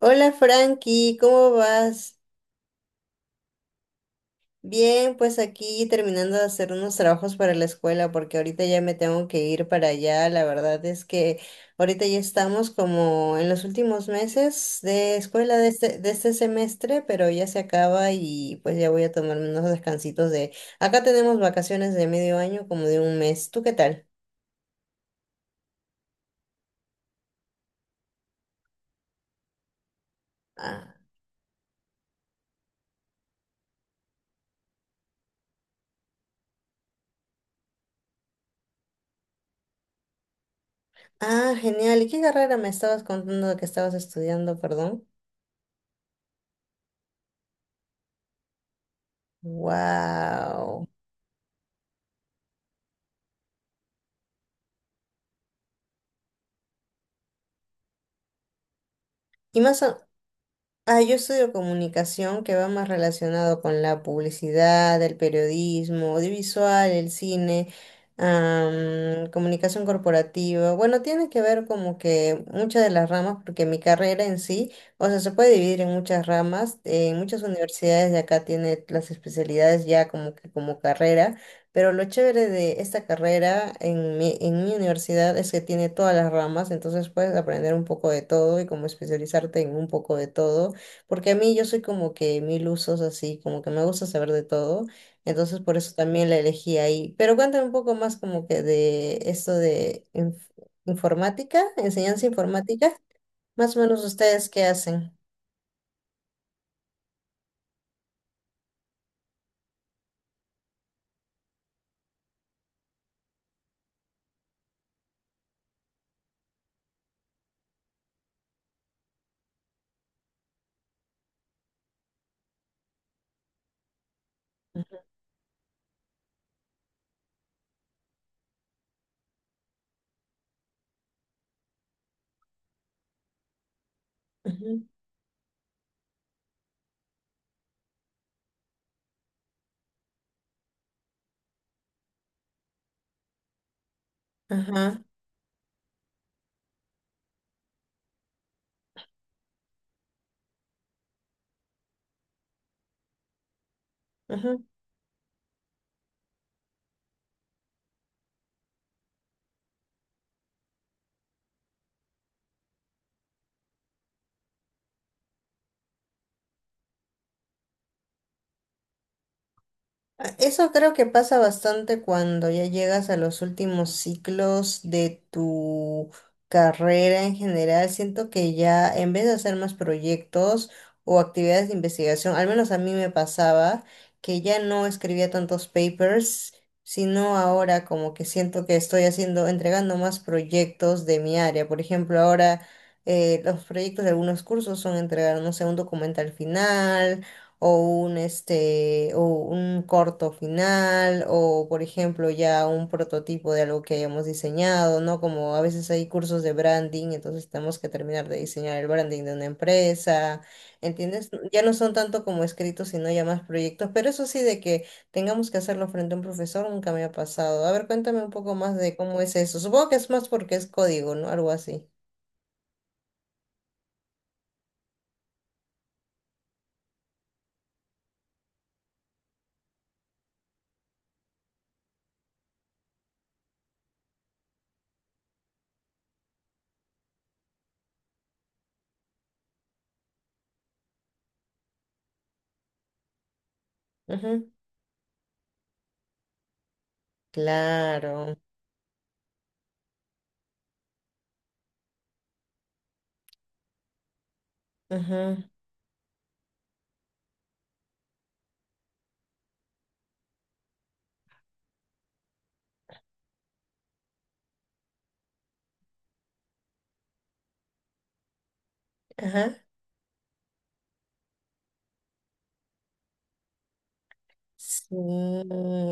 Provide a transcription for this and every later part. Hola Frankie, ¿cómo vas? Bien, pues aquí terminando de hacer unos trabajos para la escuela porque ahorita ya me tengo que ir para allá. La verdad es que ahorita ya estamos como en los últimos meses de escuela de este semestre, pero ya se acaba y pues ya voy a tomarme unos descansitos de... Acá tenemos vacaciones de medio año, como de un mes. ¿Tú qué tal? Ah, ah, genial. ¿Y qué carrera me estabas contando que estabas estudiando, perdón? Wow. ¿Y más o- Ah, yo estudio comunicación que va más relacionado con la publicidad, el periodismo, audiovisual, el cine, comunicación corporativa. Bueno, tiene que ver como que muchas de las ramas, porque mi carrera en sí, o sea, se puede dividir en muchas ramas. En muchas universidades de acá tiene las especialidades ya como que como carrera, pero lo chévere de esta carrera en mi universidad es que tiene todas las ramas, entonces puedes aprender un poco de todo y como especializarte en un poco de todo. Porque a mí yo soy como que mil usos así, como que me gusta saber de todo, entonces por eso también la elegí ahí. Pero cuéntame un poco más como que de esto de informática, enseñanza informática, más o menos ustedes qué hacen. Ujú, ajá, ajá. Ujú. Ah, eso creo que pasa bastante cuando ya llegas a los últimos ciclos de tu carrera en general. Siento que ya en vez de hacer más proyectos o actividades de investigación, al menos a mí me pasaba que ya no escribía tantos papers, sino ahora como que siento que estoy haciendo, entregando más proyectos de mi área. Por ejemplo, ahora los proyectos de algunos cursos son entregar, no sé, un documento al final o un este o un corto final o por ejemplo ya un prototipo de algo que hayamos diseñado, ¿no? Como a veces hay cursos de branding, entonces tenemos que terminar de diseñar el branding de una empresa, ¿entiendes? Ya no son tanto como escritos, sino ya más proyectos, pero eso sí de que tengamos que hacerlo frente a un profesor nunca me ha pasado. A ver, cuéntame un poco más de cómo es eso. Supongo que es más porque es código, ¿no? Algo así. Ujú, claro. Ujú, ajá. Sí,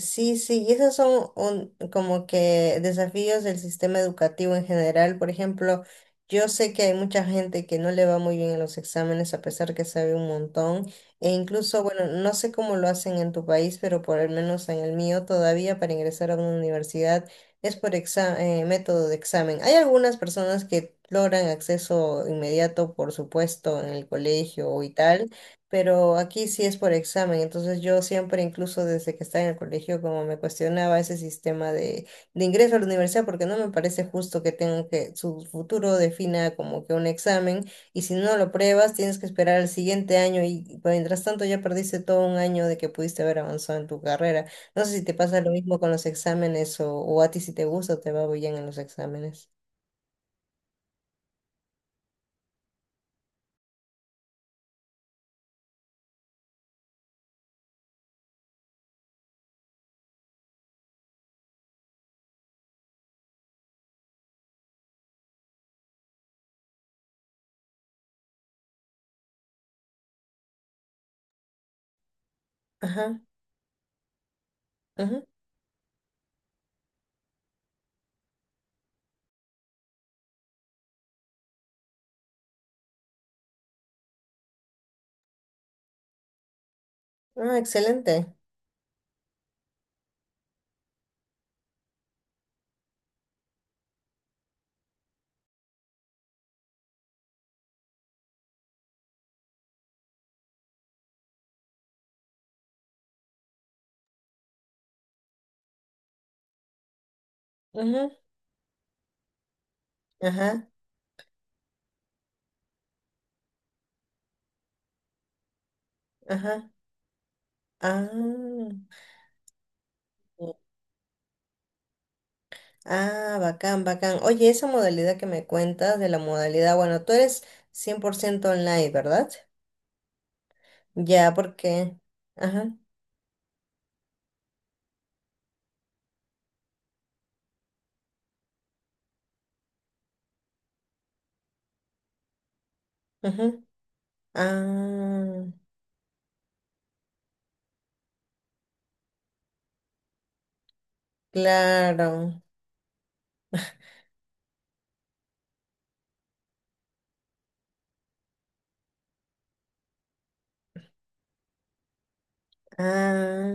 sí, sí, y esos son como que desafíos del sistema educativo en general. Por ejemplo, yo sé que hay mucha gente que no le va muy bien en los exámenes a pesar que sabe un montón. E incluso, bueno, no sé cómo lo hacen en tu país, pero por lo menos en el mío todavía para ingresar a una universidad es por método de examen. Hay algunas personas que logran acceso inmediato, por supuesto, en el colegio y tal, pero aquí sí es por examen, entonces yo siempre, incluso desde que estaba en el colegio, como me cuestionaba ese sistema de ingreso a la universidad, porque no me parece justo que tengan que, su futuro defina como que un examen, y si no lo pruebas, tienes que esperar al siguiente año, y mientras tanto ya perdiste todo un año de que pudiste haber avanzado en tu carrera. No sé si te pasa lo mismo con los exámenes, o a ti si te gusta o te va bien en los exámenes. Ajá, ajá. Ah, excelente. Ajá, ajá, ajá. Ah, ah, bacán, bacán. Oye, esa modalidad que me cuentas de la modalidad, bueno, tú eres 100% online, ¿verdad? Ya, porque... Ajá, ajá. Ah, claro. Ah,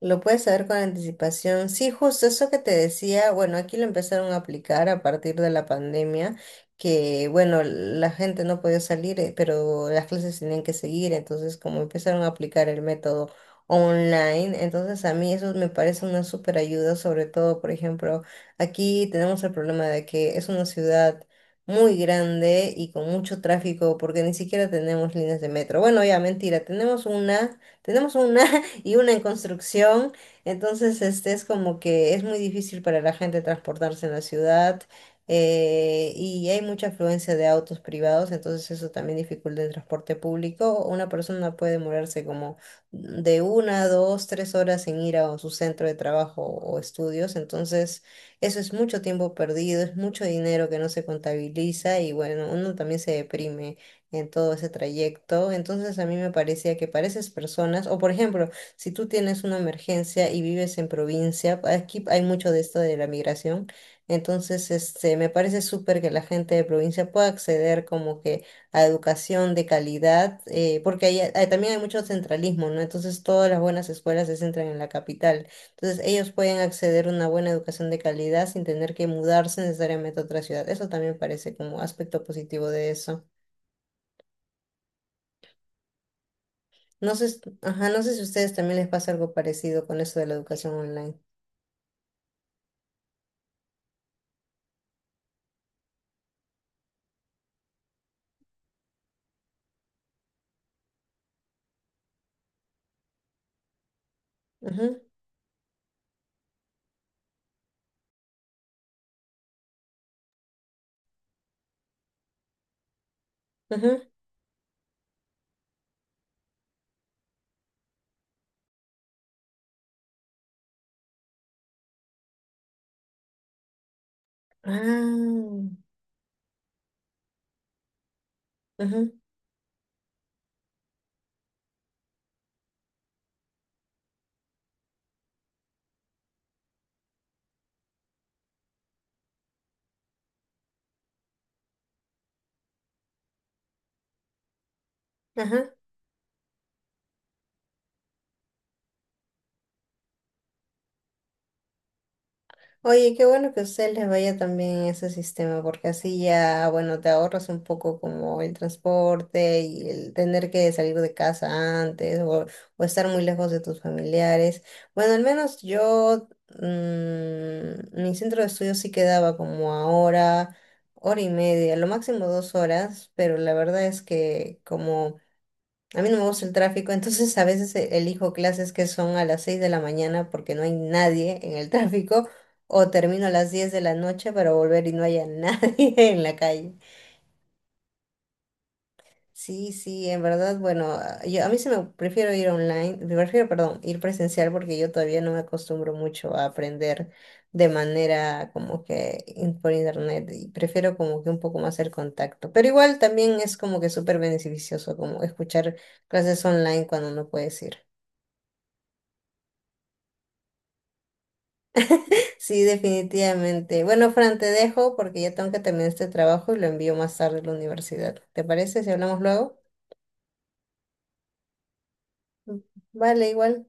lo puedes saber con anticipación. Sí, justo eso que te decía, bueno, aquí lo empezaron a aplicar a partir de la pandemia, que bueno, la gente no podía salir, pero las clases tenían que seguir, entonces como empezaron a aplicar el método online, entonces a mí eso me parece una súper ayuda, sobre todo, por ejemplo, aquí tenemos el problema de que es una ciudad muy grande y con mucho tráfico, porque ni siquiera tenemos líneas de metro. Bueno, ya, mentira, tenemos una... Tenemos una y una en construcción. Entonces, este es como que es muy difícil para la gente transportarse en la ciudad y hay mucha afluencia de autos privados, entonces eso también dificulta el transporte público. Una persona puede demorarse como de una, dos, tres horas en ir a su centro de trabajo o estudios, entonces eso es mucho tiempo perdido, es mucho dinero que no se contabiliza y bueno, uno también se deprime en todo ese trayecto. Entonces a mí me parecía que para esas personas, o por ejemplo, si tú tienes una emergencia y vives en provincia, aquí hay mucho de esto de la migración, entonces este, me parece súper que la gente de provincia pueda acceder como que a educación de calidad, porque ahí, también hay mucho centralismo, ¿no? Entonces todas las buenas escuelas se centran en la capital, entonces ellos pueden acceder a una buena educación de calidad sin tener que mudarse necesariamente a otra ciudad. Eso también parece como aspecto positivo de eso. No sé, ajá, no sé si a ustedes también les pasa algo parecido con eso de la educación online. Ajá. Ah, ajá, ajá. Oye, qué bueno que a ustedes les vaya también ese sistema, porque así ya, bueno, te ahorras un poco como el transporte y el tener que salir de casa antes o estar muy lejos de tus familiares. Bueno, al menos yo, mi centro de estudio sí quedaba como a hora, hora y media, lo máximo 2 horas, pero la verdad es que como... A mí no me gusta el tráfico, entonces a veces elijo clases que son a las 6 de la mañana porque no hay nadie en el tráfico, o termino a las 10 de la noche para volver y no haya nadie en la calle. Sí, sí, en verdad, bueno, yo a mí se me prefiero ir online, prefiero, perdón, ir presencial porque yo todavía no me acostumbro mucho a aprender de manera como que por internet y prefiero como que un poco más el contacto. Pero igual también es como que súper beneficioso como escuchar clases online cuando no puedes ir. Sí, definitivamente. Bueno, Fran, te dejo porque ya tengo que terminar este trabajo y lo envío más tarde a la universidad. ¿Te parece si hablamos luego? Vale, igual.